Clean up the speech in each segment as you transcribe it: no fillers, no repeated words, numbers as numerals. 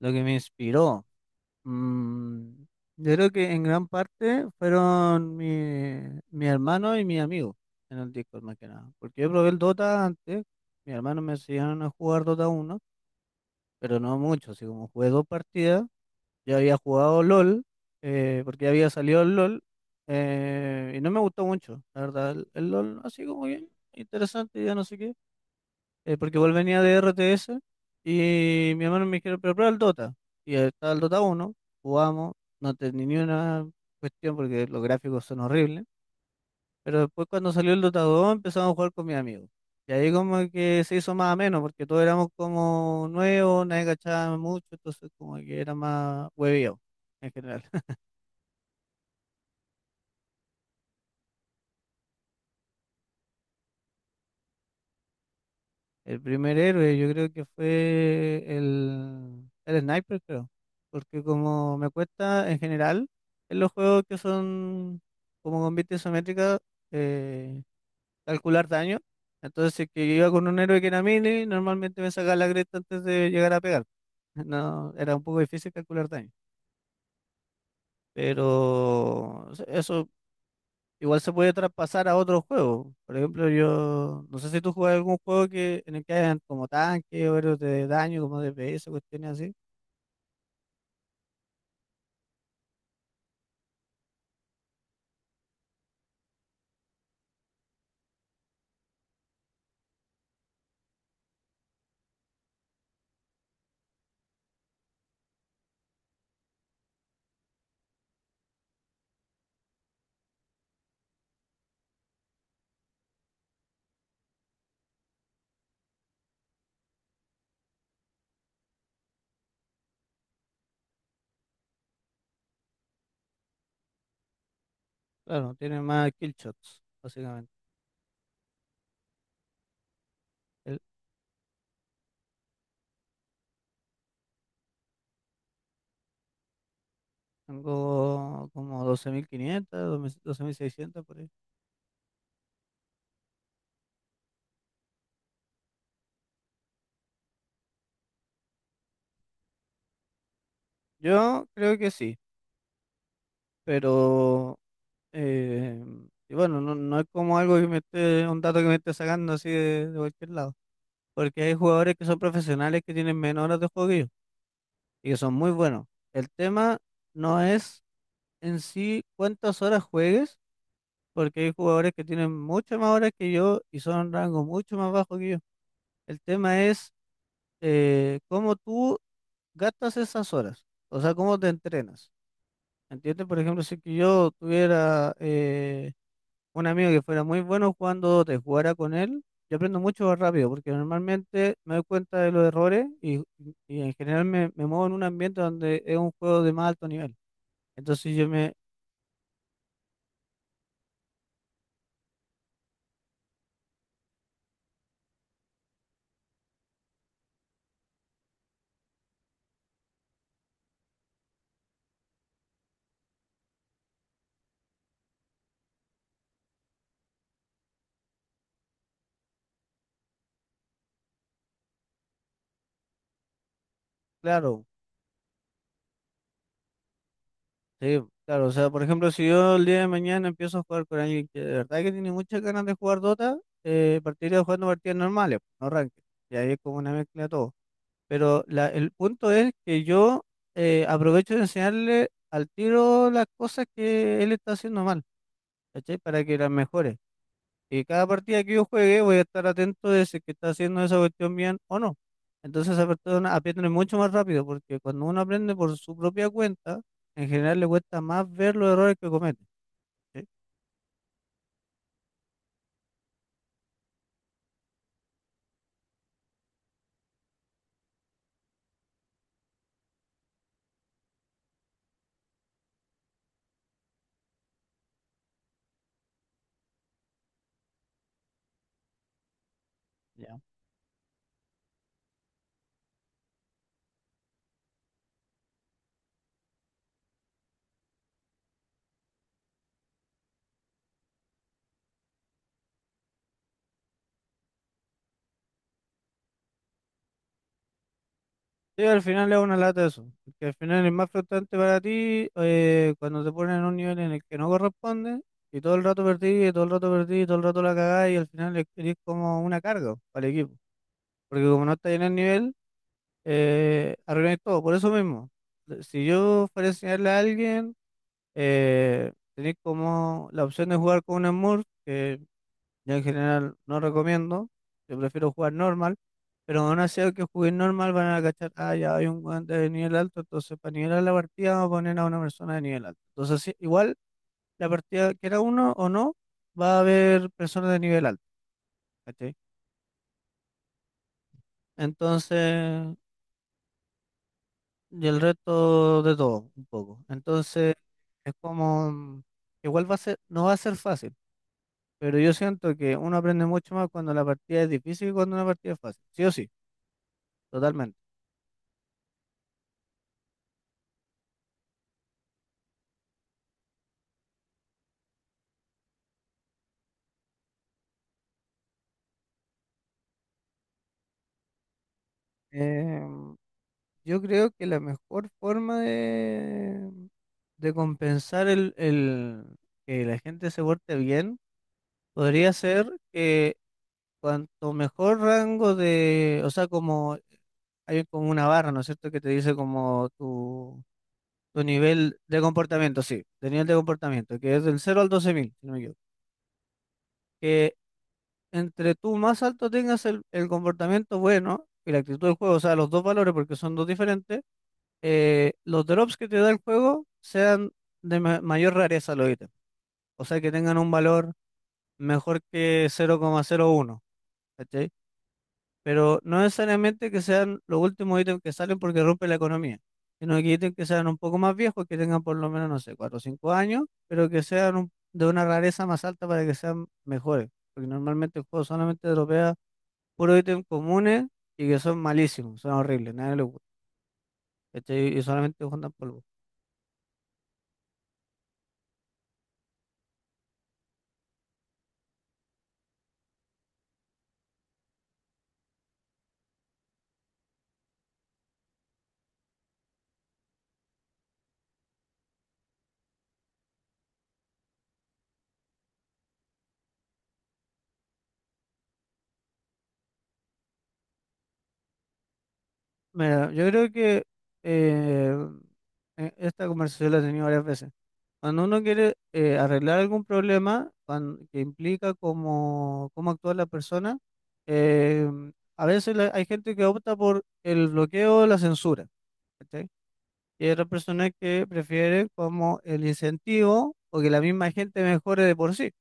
Lo que me inspiró, mm, yo creo que en gran parte fueron mi hermano y mi amigo en el Discord más que nada. Porque yo probé el Dota antes, mis hermanos me enseñaron a jugar Dota 1 pero no mucho, así como jugué dos partidas, yo había jugado LOL, porque había salido el LOL, y no me gustó mucho, la verdad, el LOL así como bien, interesante, ya no sé qué. Porque igual venía de RTS y mi hermano me dijeron, pero prueba el Dota. Y ahí estaba el Dota 1, jugamos, no tenía ni una cuestión porque los gráficos son horribles. Pero después cuando salió el Dota 2 empezamos a jugar con mis amigos. Y ahí como que se hizo más ameno porque todos éramos como nuevos, nadie cachaba mucho, entonces como que era más hueveo en general. El primer héroe, yo creo que fue el sniper, creo. Porque como me cuesta en general, en los juegos que son como con vista isométrica, eh, calcular daño. Entonces, si es que iba con un héroe que era melee, normalmente me sacaba la cresta antes de llegar a pegar. No, era un poco difícil calcular daño. Pero eso igual se puede traspasar a otros juegos. Por ejemplo, yo no sé si tú juegas algún juego que en el que hayan como tanque o héroes de daño, como DPS, cuestiones así. Claro, tiene más kill shots, básicamente. El- Tengo como 12.500, 12.600 por ahí. Yo creo que sí, pero eh, y bueno, no, no es como algo que me esté, un dato que me esté sacando así de cualquier lado. Porque hay jugadores que son profesionales que tienen menos horas de juego que yo y que son muy buenos. El tema no es en sí cuántas horas juegues, porque hay jugadores que tienen muchas más horas que yo y son rangos mucho más bajos que yo. El tema es cómo tú gastas esas horas, o sea, cómo te entrenas. ¿Entiendes? Por ejemplo, si que yo tuviera un amigo que fuera muy bueno jugando te jugara con él, yo aprendo mucho más rápido, porque normalmente me doy cuenta de los errores y en general me muevo en un ambiente donde es un juego de más alto nivel. Entonces yo me, claro. Sí, claro, o sea, por ejemplo, si yo el día de mañana empiezo a jugar con alguien que de verdad que tiene muchas ganas de jugar Dota, partiría jugando partidas normales, pues, no ranked, y ahí es como una mezcla de todo. Pero el punto es que yo aprovecho de enseñarle al tiro las cosas que él está haciendo mal, ¿cachai? Para que las mejore. Y cada partida que yo juegue voy a estar atento de si es que está haciendo esa cuestión bien o no. Entonces esa persona aprende mucho más rápido porque cuando uno aprende por su propia cuenta, en general le cuesta más ver los errores que comete. ¿Sí? Ya. Sí, al final es una lata eso, porque al final es más frustrante para ti cuando te ponen en un nivel en el que no corresponde y todo el rato perdí, y todo el rato perdí, y todo el rato la cagás y al final es, eres como una carga para el equipo, porque como no estás en el nivel, arruináis todo, por eso mismo. Si yo fuera a enseñarle a alguien, tenéis como la opción de jugar con un Smurf, que yo en general no recomiendo, yo prefiero jugar normal, pero aún así aunque jueguen normal van a cachar, ah, ya hay un guante de nivel alto, entonces para nivelar la partida vamos a poner a una persona de nivel alto. Entonces sí, igual la partida, que era uno o no, va a haber personas de nivel alto, ¿cachai? Entonces, y el resto de todo, un poco. Entonces, es como, igual va a ser, no va a ser fácil, pero yo siento que uno aprende mucho más cuando la partida es difícil que cuando una partida es fácil, sí o sí, totalmente. Eh, yo creo que la mejor forma de compensar el que la gente se porte bien podría ser que cuanto mejor rango de, o sea, como hay como una barra, ¿no es cierto?, que te dice como tu nivel de comportamiento, sí, de nivel de comportamiento, que es del cero al 12.000, si no me equivoco. Que entre tú más alto tengas el comportamiento bueno y la actitud del juego, o sea, los dos valores, porque son dos diferentes, los drops que te da el juego sean de mayor rareza los ítems. O sea, que tengan un valor mejor que 0,01, pero no necesariamente que sean los últimos ítems que salen porque rompe la economía, sino que ítems que sean un poco más viejos, que tengan por lo menos, no sé, 4 o 5 años, pero que sean un- de una rareza más alta para que sean mejores, porque normalmente el juego solamente dropea puros ítems comunes y que son malísimos, son horribles, nadie le gusta, ¿cachai? Y solamente juntan polvo. Mira, yo creo que eh, esta conversación la he tenido varias veces. Cuando uno quiere arreglar algún problema que implica cómo actúa la persona, eh, a veces hay gente que opta por el bloqueo o la censura, ¿cachai? Y hay otras personas que prefieren como el incentivo o que la misma gente mejore de por sí,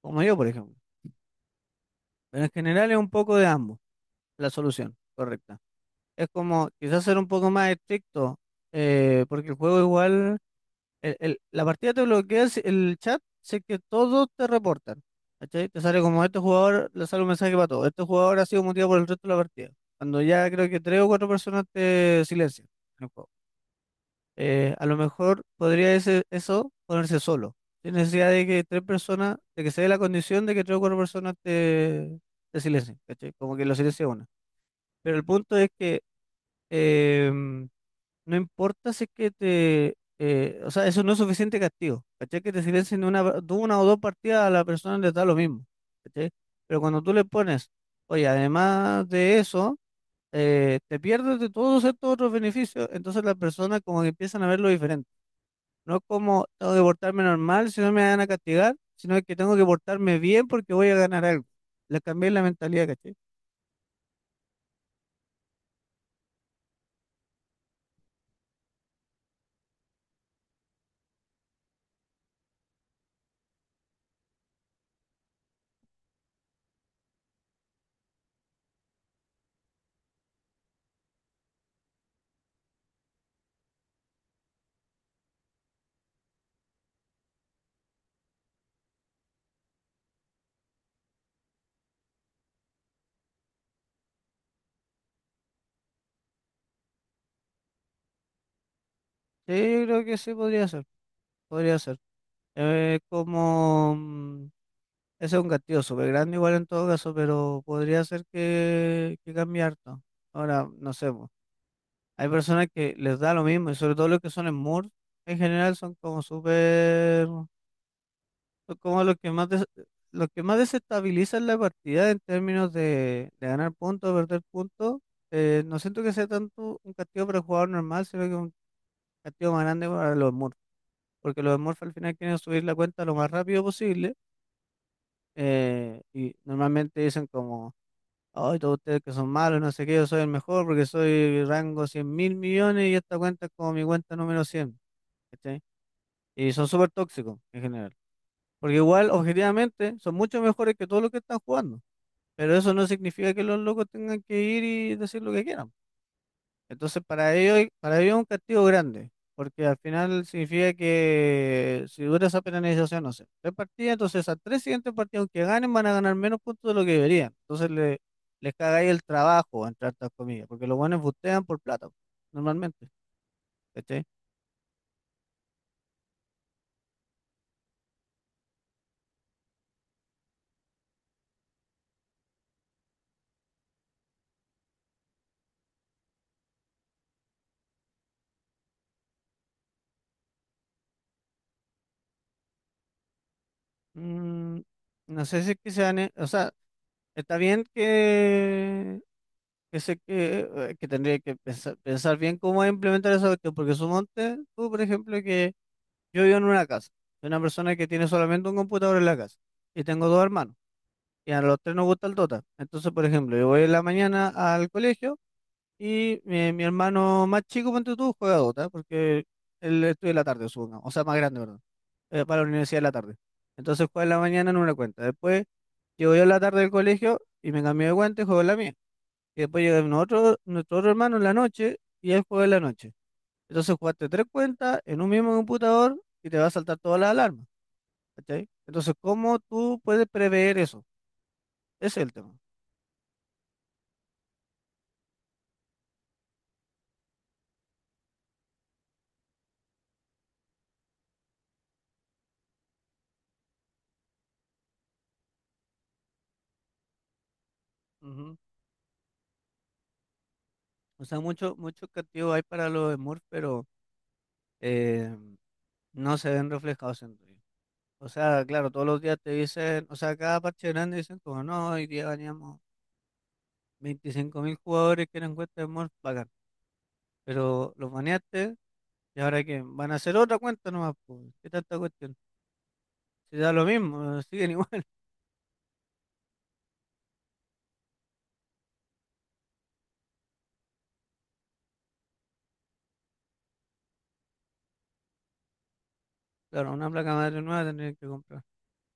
como yo, por ejemplo. Pero en general es un poco de ambos la solución correcta. Es como quizás ser un poco más estricto, porque el juego igual la partida te bloquea el chat, sé que todos te reportan. ¿Cachai? Te sale como este jugador, le sale un mensaje para todos. Este jugador ha sido muteado por el resto de la partida. Cuando ya creo que tres o cuatro personas te silencian en el juego. A lo mejor podría ese, eso ponerse solo. Sin necesidad de que tres personas, de que se dé la condición de que tres o cuatro personas te silencien. ¿Cachai? Como que lo silencia una. Pero el punto es que em, no importa si es que te, o sea, eso no es suficiente castigo, ¿cachai? Que te silencien de una o dos partidas a la persona le da lo mismo, ¿cachai? Pero cuando tú le pones, oye, además de eso, te pierdes de todos estos otros beneficios, entonces las personas como que empiezan a verlo diferente. No es como tengo que portarme normal si no me van a castigar, sino que tengo que portarme bien porque voy a ganar algo. Le cambié la mentalidad, ¿cachai? Sí, yo creo que sí podría ser, podría ser. Eh, como... mm, Ese es un castillo súper grande igual en todo caso, pero podría ser que cambie harto. Ahora, no sé, po. Hay personas que les da lo mismo, y sobre todo los que son Smurfs, en general son como súper, son como los que más los que más desestabilizan la partida en términos de ganar puntos, perder puntos. No siento que sea tanto un castigo para el jugador normal, sino que un castigo más grande para los Smurfs, porque los Smurfs al final quieren subir la cuenta lo más rápido posible, y normalmente dicen como: Ay, todos ustedes que son malos, no sé qué, yo soy el mejor porque soy rango 100.000.000.000 y esta cuenta es como mi cuenta número cien. ¿Cachai? Y son súper tóxicos en general. Porque igual, objetivamente, son mucho mejores que todos los que están jugando. Pero eso no significa que los locos tengan que ir y decir lo que quieran. Entonces, para ellos es un castigo grande, porque al final significa que si dura esa penalización, no sé, tres partidas, entonces esas tres siguientes partidos que ganen, van a ganar menos puntos de lo que deberían. Entonces, les cagáis el trabajo, entre hartas comillas, porque los buenos bustean por plata, normalmente. ¿Cachai? Mm, no sé si es que se gane, o sea, está bien se, que tendría que pensar, pensar bien cómo implementar esa cuestión, porque monte tú, por ejemplo, que yo vivo en una casa. Soy una persona que tiene solamente un computador en la casa. Y tengo dos hermanos. Y a los tres nos gusta el Dota. Entonces, por ejemplo, yo voy en la mañana al colegio y mi hermano más chico, ponte tú, juega Dota. Porque él estudia en la tarde, supongo. O sea, más grande, perdón. Para la universidad en la tarde. Entonces juega en la mañana en una cuenta. Después llego yo en la tarde del colegio y me cambio de cuenta y juego en la mía. Y después llega nuestro otro hermano en la noche y él juega en la noche. Entonces jugaste tres cuentas en un mismo computador y te va a saltar todas las alarmas, ¿cachai? Entonces, ¿cómo tú puedes prever eso? Ese es el tema. Ujú. O sea, mucho, mucho castigo hay para los Smurfs, pero eh, no se ven reflejados en ellos. O sea, claro, todos los días te dicen, o sea, cada parche grande dicen como, no, hoy día baneamos 25 mil jugadores que eran cuentas de Smurf, bacán. Pero los baneaste, ¿y ahora qué? Van a hacer otra cuenta nomás, pues, ¿qué tanta cuestión? Si da lo mismo, siguen igual. Claro, una placa madre nueva tendrían que comprar.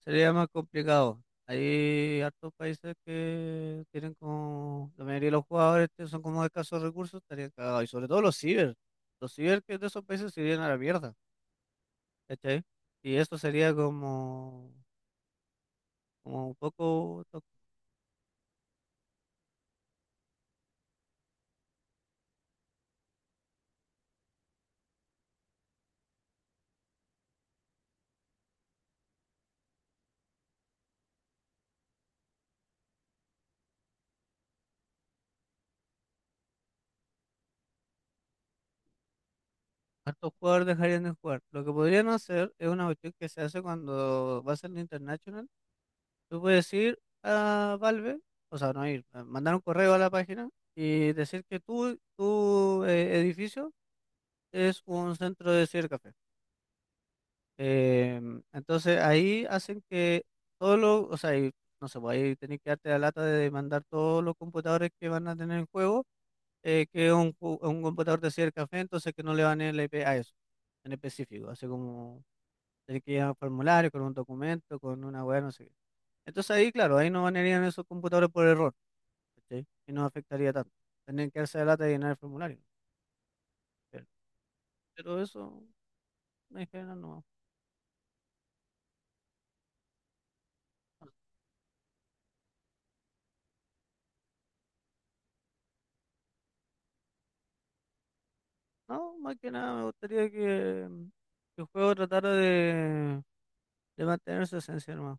Sería más complicado. Hay hartos países que tienen como la mayoría de los jugadores que son como de escasos recursos, estarían cagados. Y sobre todo los ciber. Los ciber que de esos países se irían a la mierda. ¿Cachai? Y eso sería como, como un poco, hartos jugadores dejarían de jugar. Lo que podrían hacer es una cuestión que se hace cuando vas al International. Tú puedes ir a Valve, o sea, no ir, mandar un correo a la página y decir que tú, tu edificio es un centro de sirve café. Entonces ahí hacen que todo lo, o sea, y no sé, pues ahí tenéis que darte la lata de mandar todos los computadores que van a tener en juego, que es un, un computador de Cier café, entonces que no le van el IP a eso, en específico, así como tenéis que llenar un formulario con un documento, con una web, no sé qué. Entonces ahí, claro, ahí no banearían esos computadores por error, ¿cachai? Y no afectaría tanto. Tendrían que darse la lata de llenar el formulario. Pero, pero eso, en general, no. No, más que nada me gustaría que el juego tratara de mantener su esencia nomás,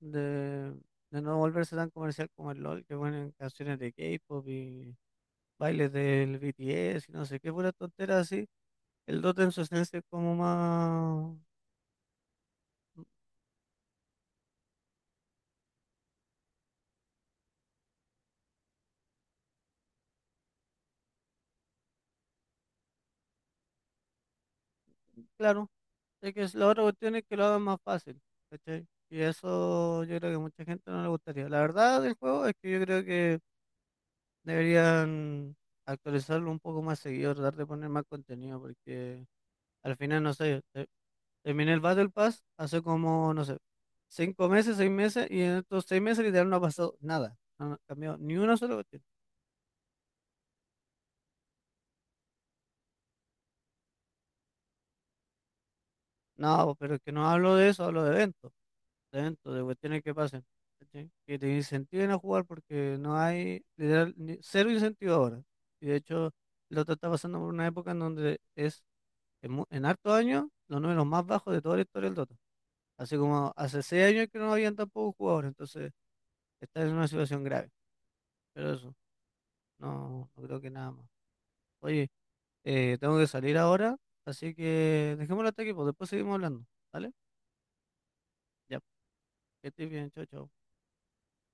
de, de no volverse tan comercial como el LOL, que ponen canciones de K-pop y bailes del BTS y no sé qué, pura tontera así. El Dota en su esencia es como más, claro, es que la otra cuestión es que lo hagan más fácil, ¿cachai? Y eso yo creo que a mucha gente no le gustaría. La verdad del juego es que yo creo que deberían actualizarlo un poco más seguido, tratar de poner más contenido, porque al final, no sé, terminé el Battle Pass hace como, no sé, 5 meses, 6 meses, y en estos 6 meses literal no ha pasado nada. No ha cambiado ni una sola cuestión. No, pero es que no hablo de eso, hablo de eventos, de eventos, de cuestiones que pasen, ¿cachai? Que te incentiven a jugar porque no hay, literal, cero incentivo ahora. Y de hecho, el otro está pasando por una época en donde es en hartos años, los números más bajos de toda la historia del Dota. Así como hace 6 años que no habían tampoco jugadores, entonces está en una situación grave. Pero eso, no, no creo que nada más. Oye, tengo que salir ahora, así que dejémoslo hasta aquí, pues después seguimos hablando. ¿Vale? Ya, que estés bien, chao, chao.